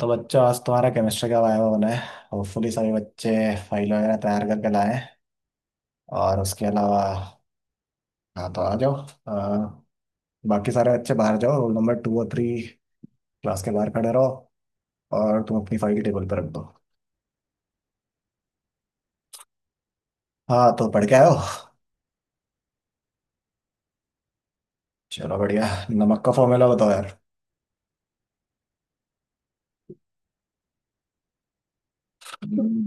तो बच्चों आज तुम्हारा केमिस्ट्री का वायवा होना है। होपफुली सभी बच्चे फाइल वगैरह तैयार करके लाएं। और उसके अलावा हाँ तो आ जाओ। अ, बाकी सारे बच्चे बाहर जाओ, रोल नंबर टू और थ्री क्लास के बाहर खड़े रहो। और तुम अपनी फाइल टेबल पर रख दो। हाँ तो पढ़ के आयो। चलो बढ़िया, नमक का फॉर्मूला बताओ यार।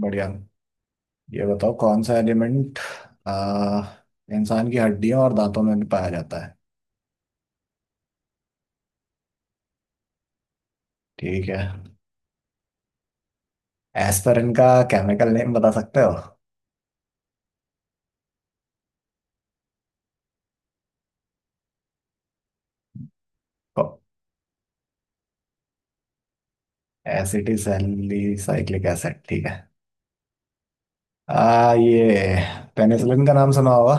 बढ़िया। ये बताओ कौन सा एलिमेंट इंसान की हड्डियों और दांतों में भी पाया जाता है। ठीक है। एस्पिरिन का केमिकल नेम बता सकते हो? एसिटिसैलिसाइक्लिक एसिड, ठीक है। ये पेनिसिलिन का नाम सुना होगा।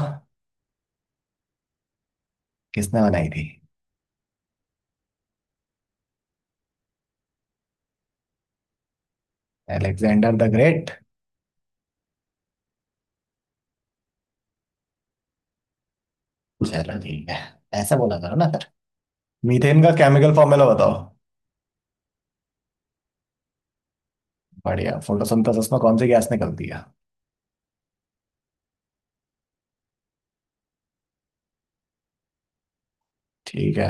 किसने बनाई थी? Alexander the great? चलो ठीक है, ऐसा बोला करो ना फिर। मीथेन का केमिकल फॉर्मूला बताओ। बढ़िया। फोटोसिंथेसिस में कौन सी गैस निकलती है? ठीक है।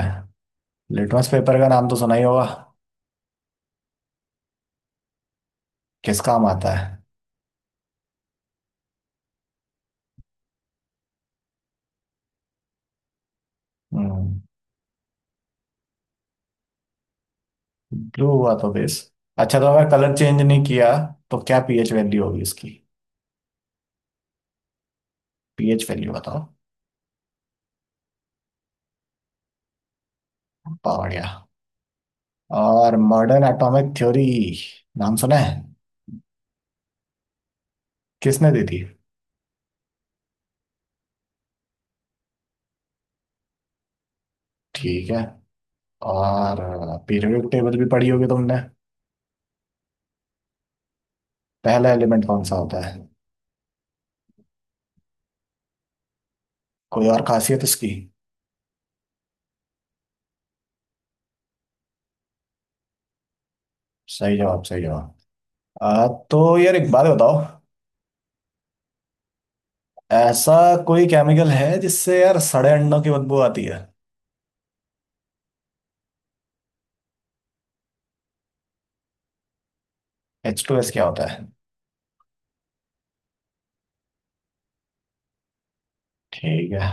लिटमस पेपर का नाम तो सुना ही होगा। किस काम आता है? हम्म, ब्लू हुआ तो बेस। अच्छा, तो अगर कलर चेंज नहीं किया तो क्या पीएच वैल्यू होगी इसकी? पीएच वैल्यू बताओ। बढ़िया। और मॉडर्न एटॉमिक थ्योरी नाम सुना है? किसने दी थी? ठीक है। और पीरियोडिक टेबल भी पढ़ी होगी तुमने। पहला एलिमेंट कौन सा होता है? कोई और खासियत इसकी? सही जवाब, सही जवाब। तो यार एक बात बताओ। ऐसा कोई केमिकल है जिससे यार सड़े अंडों की बदबू आती है? एच टू एस क्या होता है? ठीक है।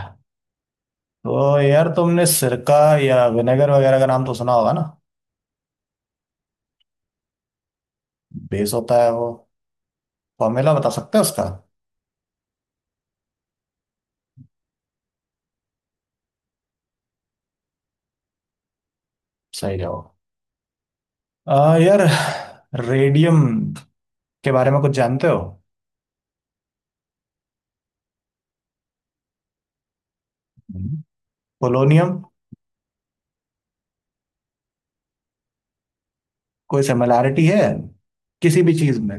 तो यार तुमने सिरका या विनेगर वगैरह का नाम तो सुना होगा ना। बेस होता है वो। फॉर्मूला बता सकते हो उसका? सही जवाब। यार रेडियम के बारे में कुछ जानते हो? हम्म। पोलोनियम। कोई सिमिलैरिटी है किसी भी चीज में?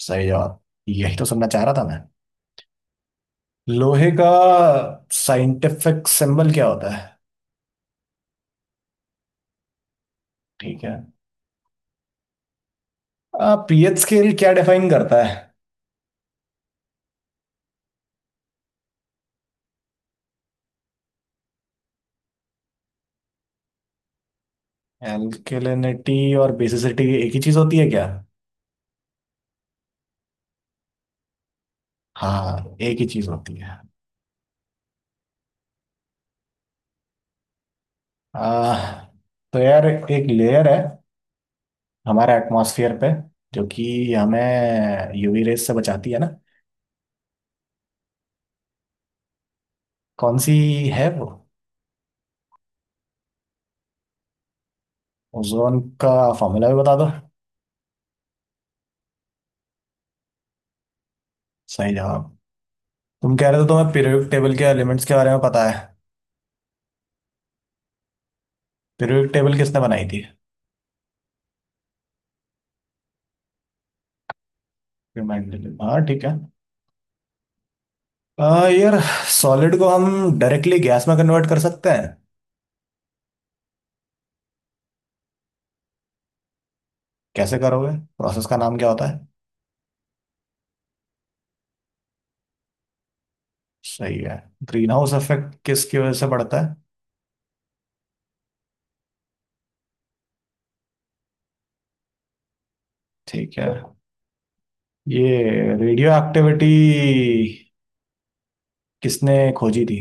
सही जवाब, यही तो सुनना चाह रहा था मैं। लोहे का साइंटिफिक सिंबल क्या होता है? ठीक है। पीएच स्केल क्या डिफाइन करता है? एल्केलिनिटी और बेसिसिटी एक ही चीज होती है क्या? हाँ, एक ही चीज होती है। आ, तो यार एक लेयर है हमारा एटमॉस्फेयर पे, जो कि हमें यूवी रेस से बचाती है ना। कौन सी है वो? ओजोन का फॉर्मूला भी बता दो। सही जवाब। तुम कह रहे थे तुम्हें पीरियोडिक टेबल के एलिमेंट्स के बारे में पता है। पीरियोडिक टेबल किसने बनाई थी? Remind me. हाँ ठीक है। यार सॉलिड को हम डायरेक्टली गैस में कन्वर्ट कर सकते हैं। कैसे करोगे? प्रोसेस का नाम क्या होता है? सही है। ग्रीन हाउस इफेक्ट किसकी वजह से बढ़ता है? ठीक है। ये रेडियो एक्टिविटी किसने खोजी थी?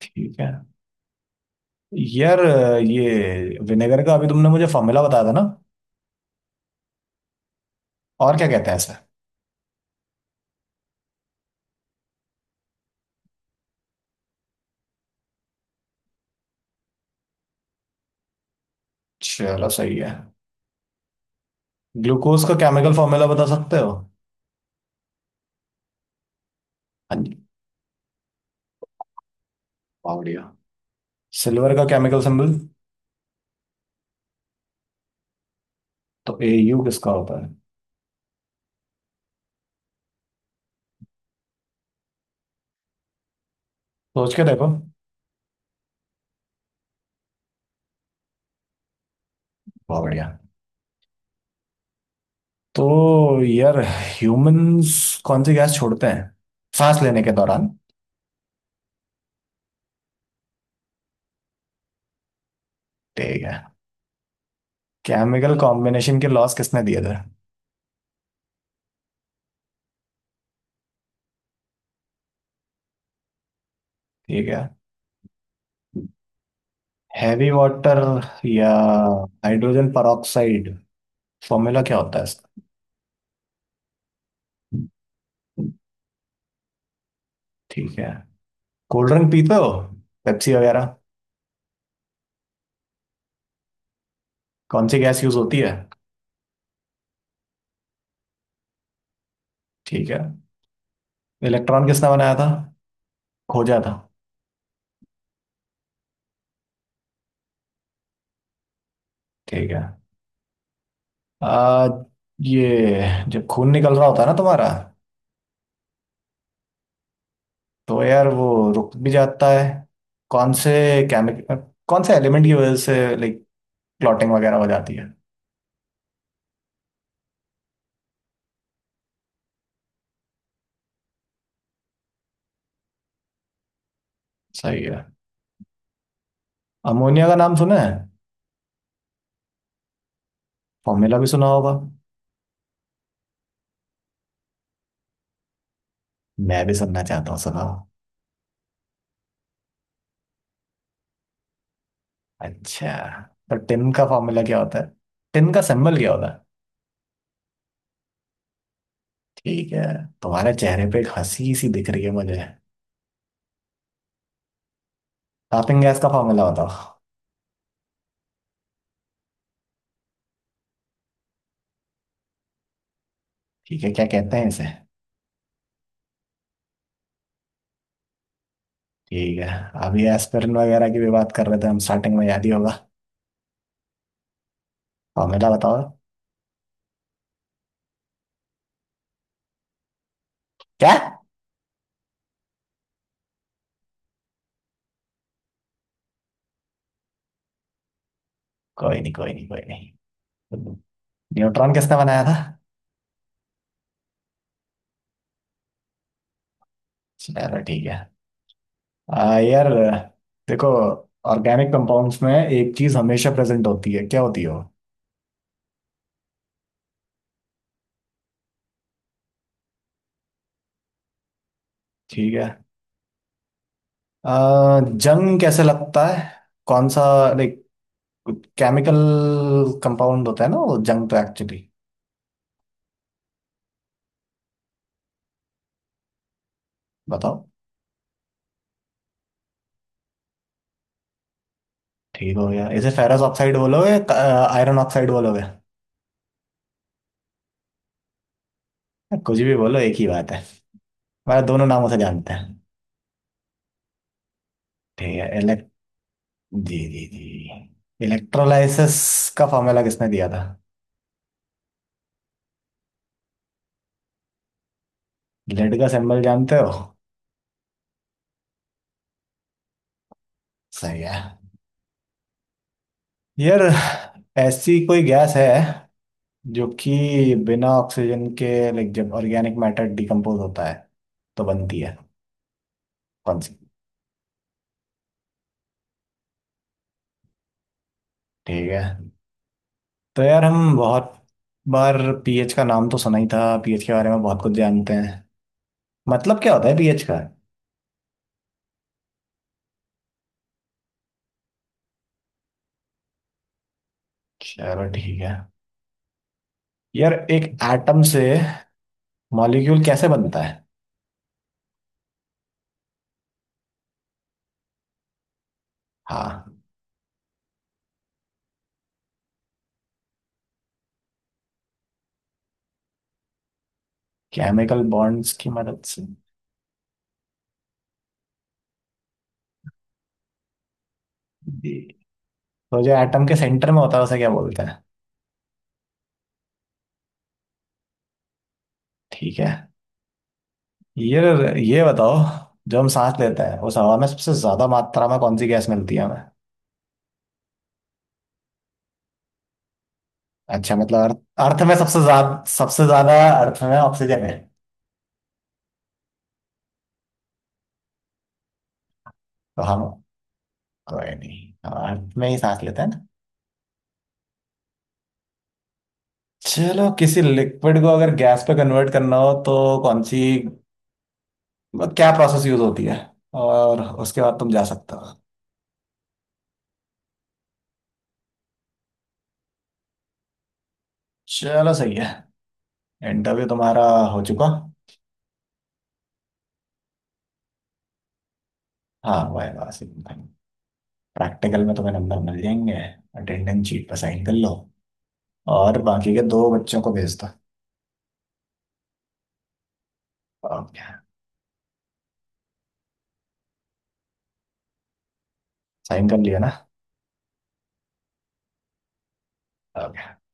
ठीक है। यार ये विनेगर का अभी तुमने मुझे फॉर्मूला बताया था ना। और क्या कहते हैं इसे? चलो सही है। ग्लूकोज का केमिकल फॉर्मूला बता सकते हो? हाँ जी। वाह, बढ़िया। सिल्वर का केमिकल सिंबल। तो ए यू किसका होता है? सोच के देखो। वाह बढ़िया। तो यार ह्यूमंस कौन सी गैस छोड़ते हैं सांस लेने के दौरान? ठीक है। केमिकल कॉम्बिनेशन के लॉस किसने दिए थे? ठीक है। हैवी वाटर या हाइड्रोजन peroxide, फॉर्मूला क्या होता है इसका? ठीक है। कोल्ड ड्रिंक पीते हो, पेप्सी वगैरह? कौन सी गैस यूज होती है? ठीक है। इलेक्ट्रॉन किसने बनाया था, खोजा था? ठीक है। आ, ये जब खून निकल रहा होता है ना तुम्हारा, तो यार वो रुक भी जाता है। कौन से केमिकल, कौन से एलिमेंट की वजह से लाइक क्लॉटिंग वगैरह हो जाती है? सही है। अमोनिया का नाम सुना है? फॉर्मूला भी सुना होगा। मैं भी सुनना चाहता हूँ, सुनाओ। अच्छा। तो टिन का फॉर्मूला क्या होता है, टिन का सिंबल क्या होता है? ठीक है। तुम्हारे चेहरे पे एक हंसी सी दिख रही है मुझे। टॉपिंग गैस का फॉर्मूला बताओ। ठीक है, क्या कहते हैं इसे? ठीक है। अभी एस्पिरिन वगैरह की भी बात कर रहे थे हम, स्टार्टिंग में याद ही होगा। फॉर्मूला बताओ। क्या? कोई नहीं, कोई नहीं, कोई नहीं। न्यूट्रॉन किसने बनाया था? चलो ठीक है। यार देखो, ऑर्गेनिक कंपाउंड्स में एक चीज हमेशा प्रेजेंट होती है, क्या होती है वो? ठीक है। जंग कैसे लगता है? कौन सा लाइक केमिकल कंपाउंड होता है ना वो जंग, तो एक्चुअली बताओ। ठीक हो गया, इसे फेरस ऑक्साइड बोलोगे, आयरन ऑक्साइड बोलोगे, कुछ भी बोलो, एक ही बात है। मैं दोनों नामों से जानते हैं। ठीक है। इलेक्ट, जी जी जी, इलेक्ट्रोलाइसिस का फॉर्मूला किसने दिया था? लेड का सिंबल जानते हो? सही है। यार ऐसी कोई गैस है जो कि बिना ऑक्सीजन के, लाइक जब ऑर्गेनिक मैटर डिकम्पोज होता है, तो बनती है? कौन सी? ठीक है। तो यार हम बहुत बार पीएच का नाम तो सुना ही था, पीएच के बारे में बहुत कुछ जानते हैं। मतलब क्या होता है पीएच का? चलो ठीक है। यार एक एटम से मॉलिक्यूल कैसे बनता है? हाँ, केमिकल बॉन्ड्स की मदद से। जी। तो जो एटम के सेंटर में होता है उसे क्या बोलते हैं? ठीक है। यार ये बताओ, जो हम सांस लेते हैं उस हवा में सबसे ज्यादा मात्रा में कौन सी गैस मिलती है हमें? अच्छा मतलब अर्थ, अर्थ में सबसे ज्यादा, सबसे ज्यादा अर्थ में ऑक्सीजन है? तो हम, कोई नहीं, अब में ही सांस लेते हैं ना। चलो, किसी लिक्विड को अगर गैस पे कन्वर्ट करना हो तो कौन सी, क्या प्रोसेस यूज होती है? और उसके बाद तुम जा सकते हो। चलो सही है, इंटरव्यू तुम्हारा हो चुका। हाँ, वाह वाह। प्रैक्टिकल में तुम्हें नंबर मिल जाएंगे। अटेंडेंस शीट पर साइन कर लो और बाकी के दो बच्चों को भेज दो। ओके। साइन कर लिया ना? ओके।